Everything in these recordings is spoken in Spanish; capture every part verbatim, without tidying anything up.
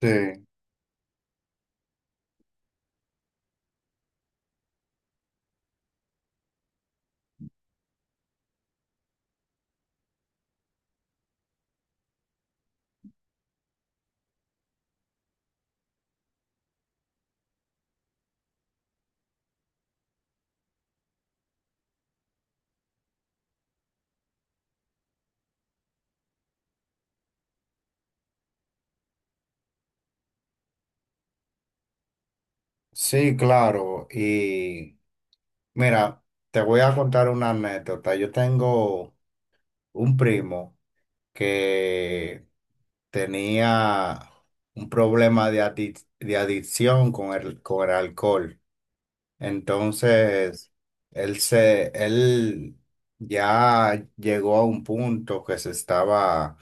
Sí, sí, claro. Y mira, te voy a contar una anécdota. Yo tengo un primo que tenía un problema de, adic- de adicción con el, con el alcohol. Entonces, él se, él ya llegó a un punto que se estaba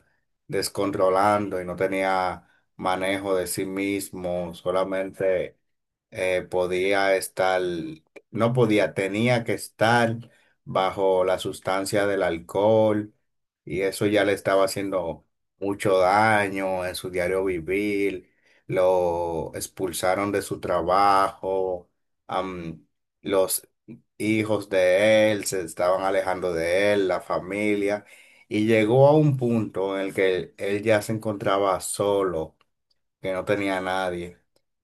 descontrolando y no tenía manejo de sí mismo, solamente eh, podía estar, no podía, tenía que estar bajo la sustancia del alcohol y eso ya le estaba haciendo mucho daño en su diario vivir, lo expulsaron de su trabajo, am, los hijos de él se estaban alejando de él, la familia, y llegó a un punto en el que él ya se encontraba solo, que no tenía a nadie,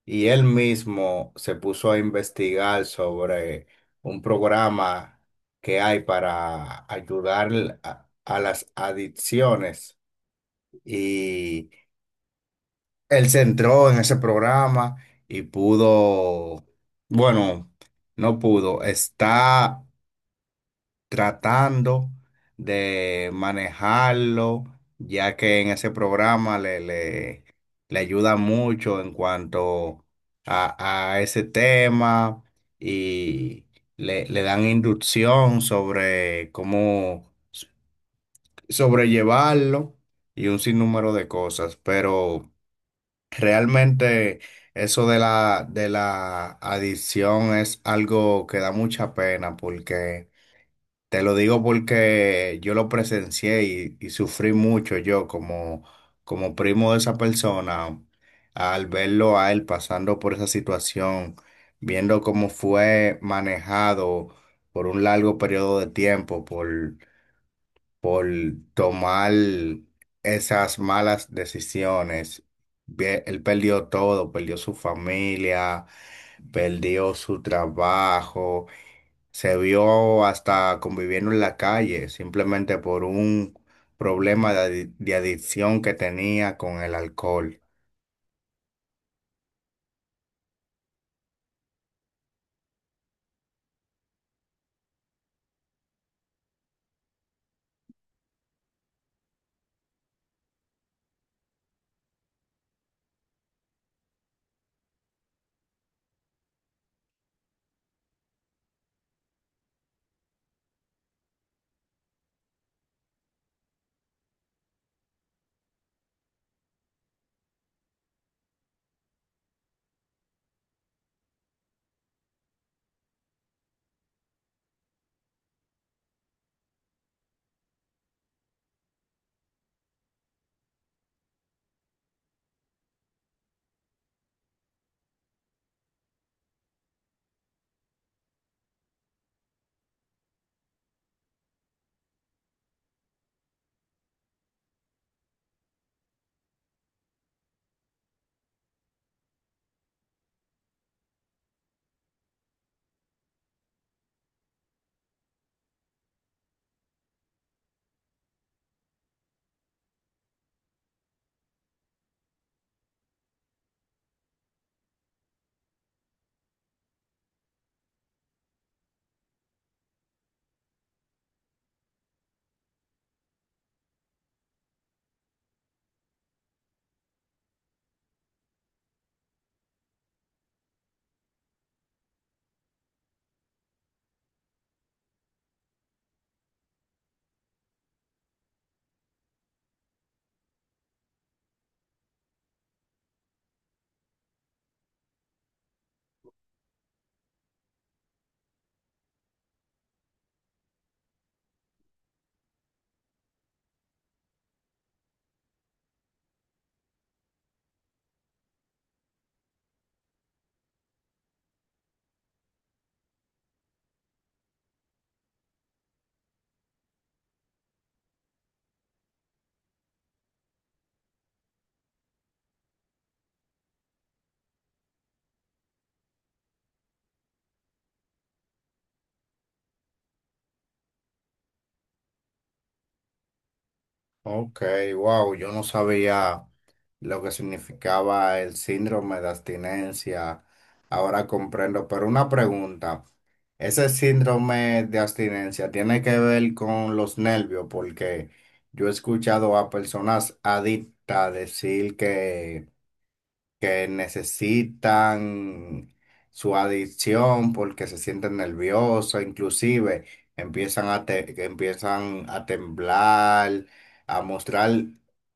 y él mismo se puso a investigar sobre un programa que hay para ayudar a, a las adicciones y él se entró en ese programa y pudo, bueno, no pudo, está tratando de manejarlo, ya que en ese programa le, le, le ayuda mucho en cuanto a, a ese tema y le, le dan inducción sobre cómo sobrellevarlo y un sinnúmero de cosas, pero... Realmente eso de la, de la adicción es algo que da mucha pena porque, te lo digo porque yo lo presencié y, y sufrí mucho yo como, como primo de esa persona al verlo a él pasando por esa situación, viendo cómo fue manejado por un largo periodo de tiempo por por tomar esas malas decisiones. Ve- Él perdió todo, perdió su familia, perdió su trabajo, se vio hasta conviviendo en la calle, simplemente por un problema de, adi- de adicción que tenía con el alcohol. Ok, wow, yo no sabía lo que significaba el síndrome de abstinencia. Ahora comprendo, pero una pregunta, ¿ese síndrome de abstinencia tiene que ver con los nervios? Porque yo he escuchado a personas adictas decir que que necesitan su adicción porque se sienten nerviosos, inclusive empiezan a, te- que empiezan a temblar, a mostrar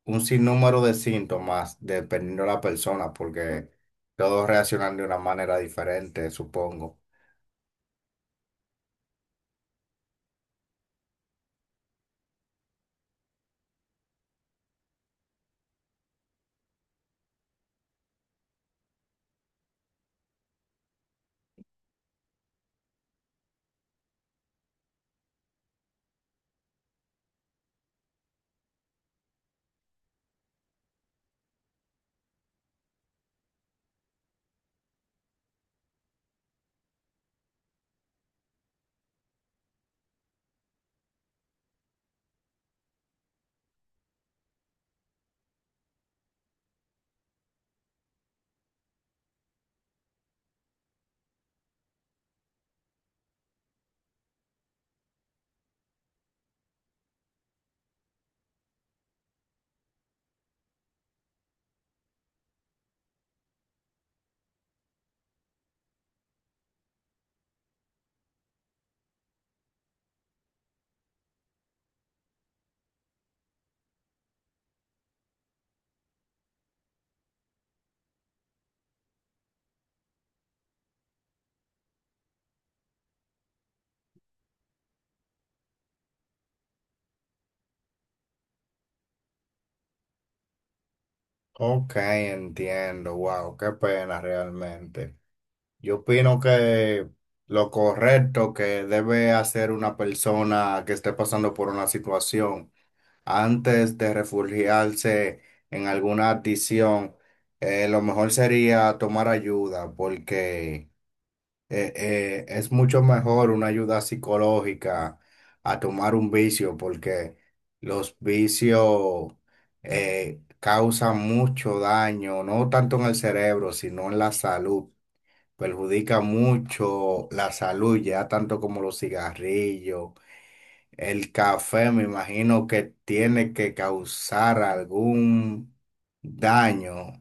un sinnúmero de síntomas dependiendo de la persona, porque todos reaccionan de una manera diferente, supongo. Ok, entiendo, wow, qué pena realmente. Yo opino que lo correcto que debe hacer una persona que esté pasando por una situación antes de refugiarse en alguna adicción, eh, lo mejor sería tomar ayuda porque eh, eh, es mucho mejor una ayuda psicológica a tomar un vicio porque los vicios eh, causan mucho daño, no tanto en el cerebro, sino en la salud. Perjudica mucho la salud, ya tanto como los cigarrillos, el café me imagino que tiene que causar algún daño,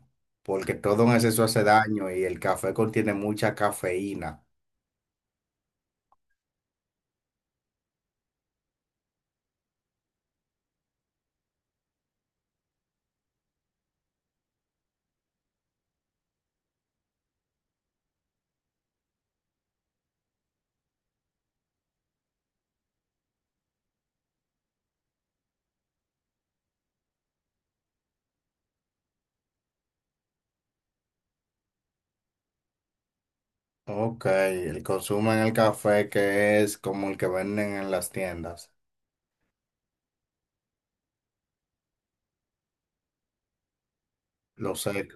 porque todo en exceso hace daño y el café contiene mucha cafeína. Ok, el consumo en el café que es como el que venden en las tiendas, lo sé.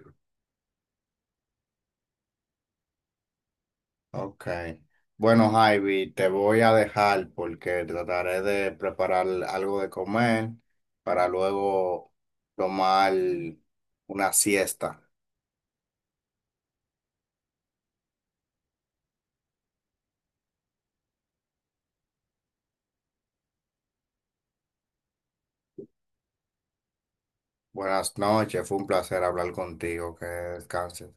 Ok. Bueno, Javi, te voy a dejar porque trataré de preparar algo de comer para luego tomar una siesta. Buenas noches, fue un placer hablar contigo, que descanses.